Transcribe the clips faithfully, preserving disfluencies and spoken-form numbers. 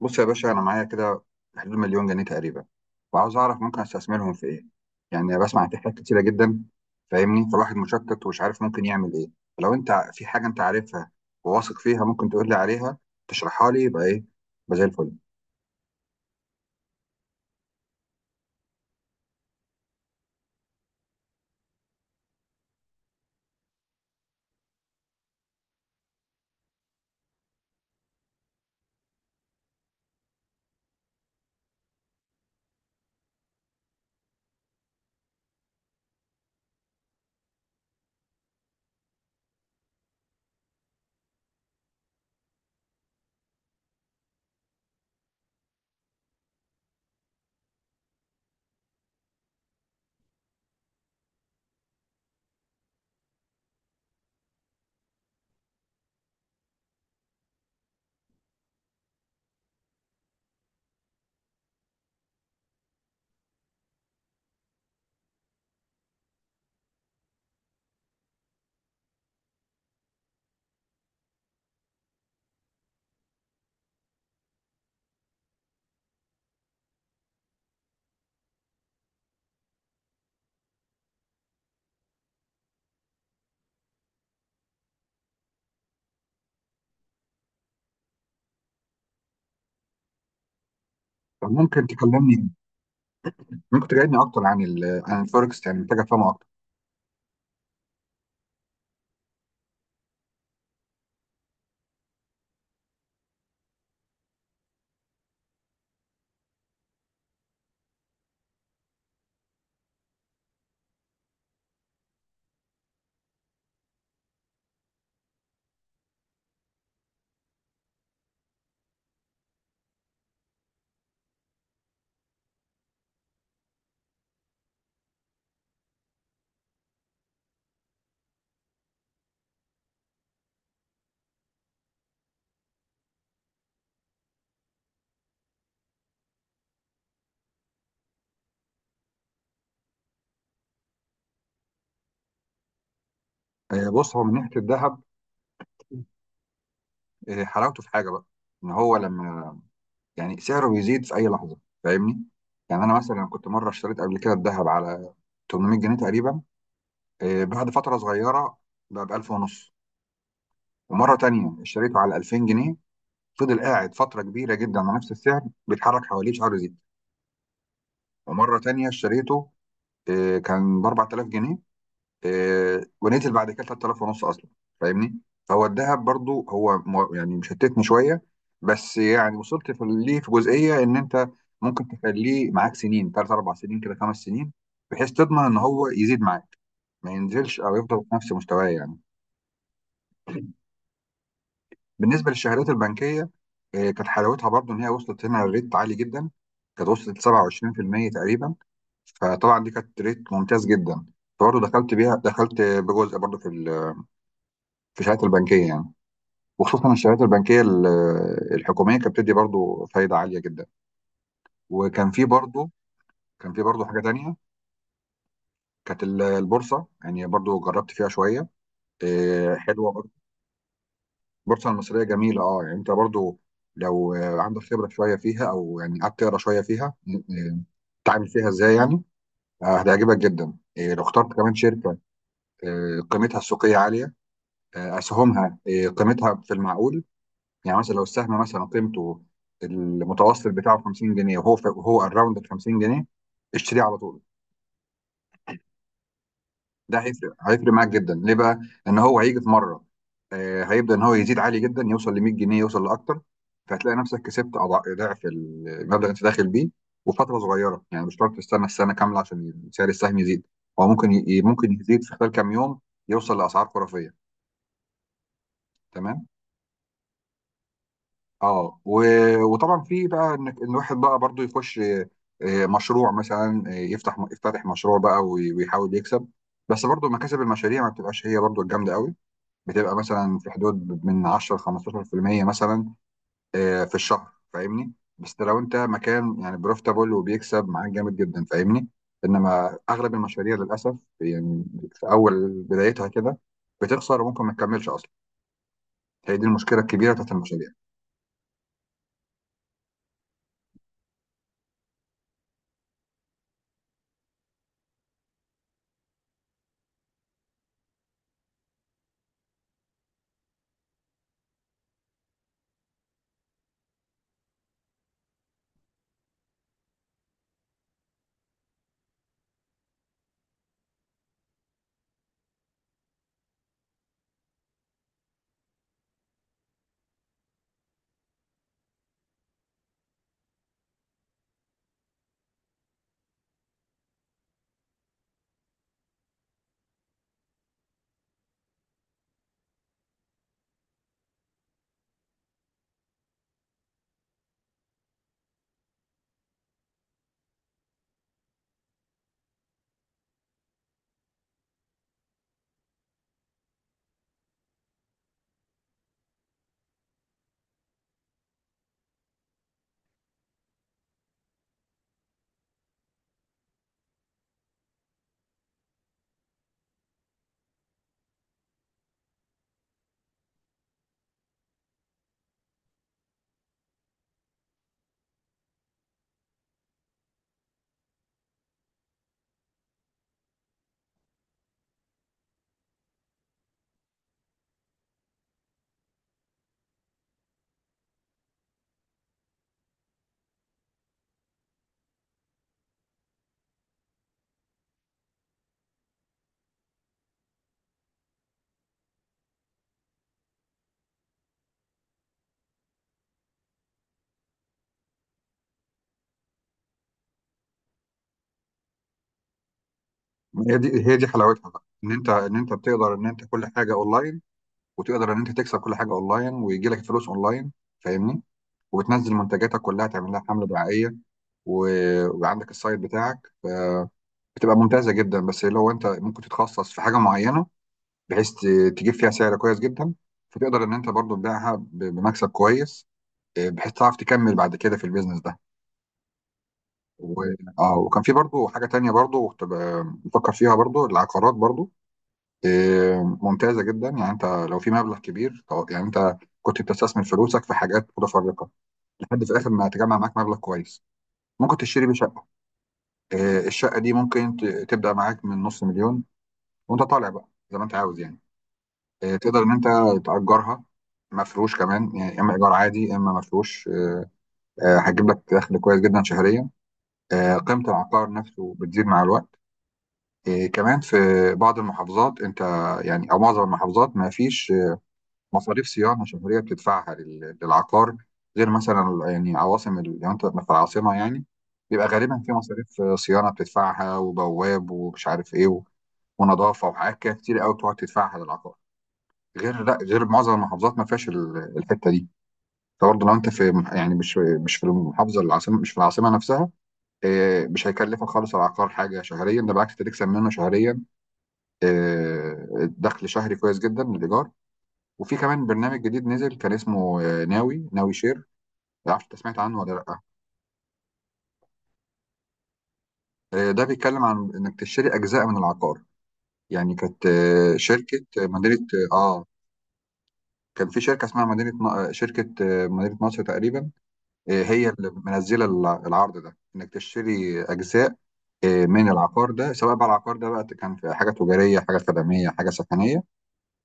بص يا باشا، انا معايا كده في حدود مليون جنيه تقريبا، وعاوز اعرف ممكن استثمرهم في ايه. يعني بسمع عن حاجات كتيره جدا، فاهمني، فالواحد مشتت ومش عارف ممكن يعمل ايه. فلو انت ع- في حاجه انت عارفها وواثق فيها، ممكن تقول لي عليها، تشرحها لي، يبقى ايه؟ يبقى زي الفل. طب ممكن تكلمني، ممكن تجاوبني اكتر عن ال عن الفوركس، يعني محتاج افهمه اكتر. آه، بص، هو من ناحيه الذهب، آه، حلاوته في حاجه بقى، ان هو لما، يعني سعره بيزيد في اي لحظه، فاهمني. يعني انا مثلا كنت مره اشتريت قبل كده الذهب على ثمنمية جنيه تقريبا، آه، بعد فتره صغيره بقى ب ألف ونص، ومره تانية اشتريته على الفين جنيه، فضل قاعد فتره كبيره جدا على نفس السعر، بيتحرك حواليه شعره زيت. ومره تانية اشتريته، آه، كان ب اربع تلاف جنيه، آه، ونزل بعد كده تلت تلاف ونص اصلا، فاهمني. فهو الذهب برضو هو مو- يعني مشتتني شويه، بس يعني وصلت في ليه في جزئيه ان انت ممكن تخليه معاك سنين، ثلاث اربع سنين كده، خمس سنين، بحيث تضمن ان هو يزيد معاك، ما ينزلش او يفضل في نفس مستواه يعني. بالنسبه للشهادات البنكيه، آه، كانت حلاوتها برضو ان هي وصلت هنا لريت عالي جدا، كانت وصلت سبعة وعشرين في المية تقريبا، فطبعا دي كانت ريت ممتاز جدا. برضه دخلت بيها، دخلت بجزء برضه في ال- في الشهادات البنكيه يعني، وخصوصا الشهادات البنكيه ال- الحكوميه، كانت بتدي برضو فايده عاليه جدا. وكان في برضو، كان في برضو حاجه تانية، كانت ال- البورصه، يعني برضو جربت فيها شويه. إيه، حلوه برضو. البورصه المصريه جميله، اه. يعني انت برضو لو آه، عندك خبره شويه فيها، او يعني قعدت تقرا شويه فيها، آه، تتعامل فيها ازاي يعني، آه، هتعجبك جدا. آه، لو اخترت كمان شركه آه، قيمتها السوقيه عاليه، آه، اسهمها آه، قيمتها في المعقول، يعني مثلا لو السهم مثلا قيمته المتوسط بتاعه خمسين جنيه وهو ف... وهو اراوند ال خمسين جنيه، اشتريه على طول. ده هيفرق هيفرق معاك جدا. ليه بقى؟ ان هو هيجي في مره آه، هيبدا ان هو يزيد عالي جدا، يوصل ل مية جنيه، يوصل لاكتر. فهتلاقي نفسك كسبت أضع- ضعف المبلغ اللي انت داخل بيه وفتره صغيره، يعني مش شرط تستنى السنه كامله عشان سعر السهم يزيد. هو ممكن ي... ممكن يزيد في خلال كام يوم، يوصل لاسعار خرافيه، تمام. اه و- وطبعا في بقى ان إن الواحد بقى برضو يخش، آه، آه، مشروع مثلا، آه، يفتح يفتتح مشروع بقى وي- ويحاول يكسب، بس برضو مكاسب المشاريع ما بتبقاش هي برضو الجامده قوي، بتبقى مثلا في حدود من عشرة ل خمسة عشر في المية مثلا آه، في الشهر، فاهمني. بس لو انت مكان يعني بروفيتابل وبيكسب معاك جامد جدا، فاهمني. انما اغلب المشاريع للاسف، يعني في اول بدايتها كده، بتخسر وممكن ما تكملش اصلا. هي دي المشكله الكبيره بتاعت المشاريع. ما هي دي هي دي حلاوتها بقى، ان انت ان انت بتقدر ان انت كل حاجه اونلاين، وتقدر ان انت تكسب كل حاجه اونلاين، ويجي لك فلوس اونلاين، فاهمني. وبتنزل منتجاتك كلها، تعمل لها حمله دعائيه و- وعندك السايت بتاعك، فبتبقى ممتازه جدا. بس لو انت ممكن تتخصص في حاجه معينه بحيث ت- تجيب فيها سعر كويس جدا، فتقدر ان انت برضو تبيعها ب- بمكسب كويس، آه، بحيث تعرف تكمل بعد كده في البيزنس ده. و... اه، وكان في برضو حاجه تانية برضو، كنت ب- بفكر فيها برضو، العقارات برضو، إيه، ممتازة جدا. يعني انت لو في مبلغ كبير، طو- يعني انت كنت بتستثمر فلوسك في حاجات متفرقة لحد في الاخر ما تجمع معاك مبلغ كويس، ممكن تشتري بيه شقة. إيه، الشقة دي ممكن ت- تبدأ معاك من نص مليون، وانت طالع بقى زي ما انت عاوز يعني. إيه، تقدر ان انت تأجرها مفروش كمان، يعني اما ايجار عادي اما مفروش. إيه، هتجيب لك دخل كويس جدا شهريا. إيه، قيمة العقار نفسه بتزيد مع الوقت. إيه، كمان في بعض المحافظات انت، يعني او معظم المحافظات، ما فيش مصاريف صيانه شهريه بتدفعها لل- للعقار، غير مثلا يعني عواصم ال- لو انت في العاصمه يعني، بيبقى غالبا في مصاريف صيانه بتدفعها، وبواب ومش عارف ايه و- ونظافه وحاجات كده كتير قوي بتقعد تدفعها للعقار. غير لا غير معظم المحافظات ما فيهاش ال- الحته دي. فبرضه لو انت في مح- يعني مش مش في المحافظه العاصمه، مش في العاصمه نفسها، آه، مش هيكلفك خالص العقار حاجه شهريا، ده بالعكس انت تكسب منه شهريا آه، دخل شهري كويس جدا من الايجار. وفي كمان برنامج جديد نزل، كان اسمه آه، ناوي ناوي شير، ما اعرفش انت سمعت عنه ولا لا. آه، ده بيتكلم عن انك تشتري اجزاء من العقار، يعني كانت آه، شركه، آه، مدينه اه آه، كان في شركه اسمها مدينه ن- آه، شركه، آه، مدينه نصر تقريبا. آه، هي اللي منزله الع- العرض ده، انك تشتري اجزاء آه، من العقار ده، سواء بقى العقار ده بقى كان في حاجه تجاريه، حاجه خدميه، حاجه سكنيه.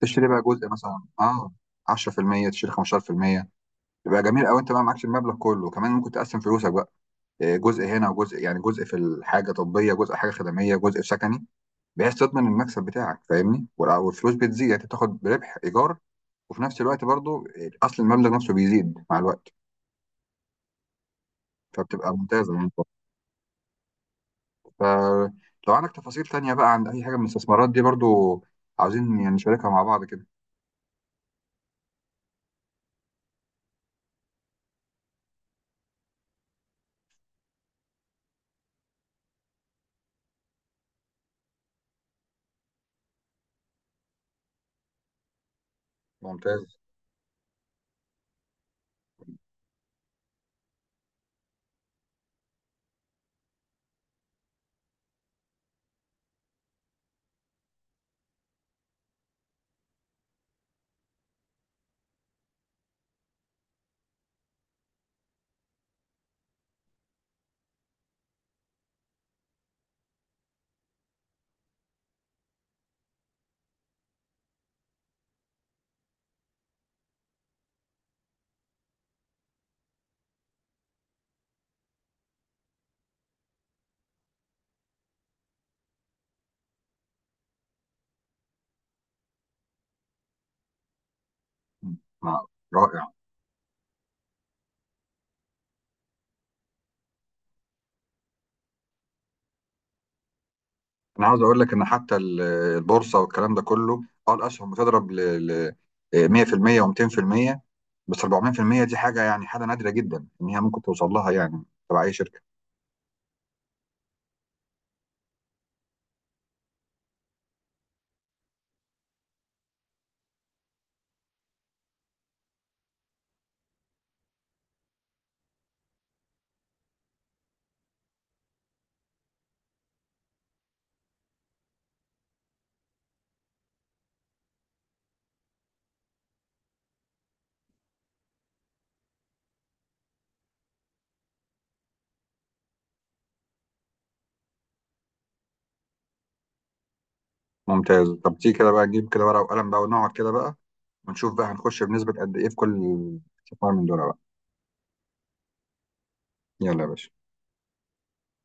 تشتري بقى جزء مثلا، اه، عشرة في المية، تشتري خمسة عشر في المية، يبقى جميل قوي، انت بقى معكش المبلغ كله، كمان ممكن تقسم فلوسك جزء هنا وجزء، يعني جزء في الحاجه طبيه، جزء حاجه خدميه، جزء في سكني، بحيث تضمن المكسب بتاعك، فاهمني. والع- والفلوس بتزيد، يعني أنت بتاخد بربح ايجار، وفي نفس الوقت برضو اصل المبلغ نفسه بيزيد مع الوقت، فبتبقى ممتازه يعني. فلو عندك تفاصيل تانية بقى عن اي حاجه من الاستثمارات دي برضو، عاوزين يعني نشاركها مع بعض كده. ممتاز. مع- رائع. انا عاوز اقول لك ان حتى ال- البورصه والكلام ده كله، اه، الاسهم بتضرب ل مية في المية و200%، بس اربعمية في المية دي حاجه يعني حاجه نادره جدا ان هي ممكن توصل لها يعني تبع اي شركه. ممتاز. طب تيجي كده بقى نجيب كده ورقه وقلم بقى ونقعد كده بقى، ونشوف بقى هنخش بنسبه قد ايه في كل استثمار من دول بقى. يلا يا باشا.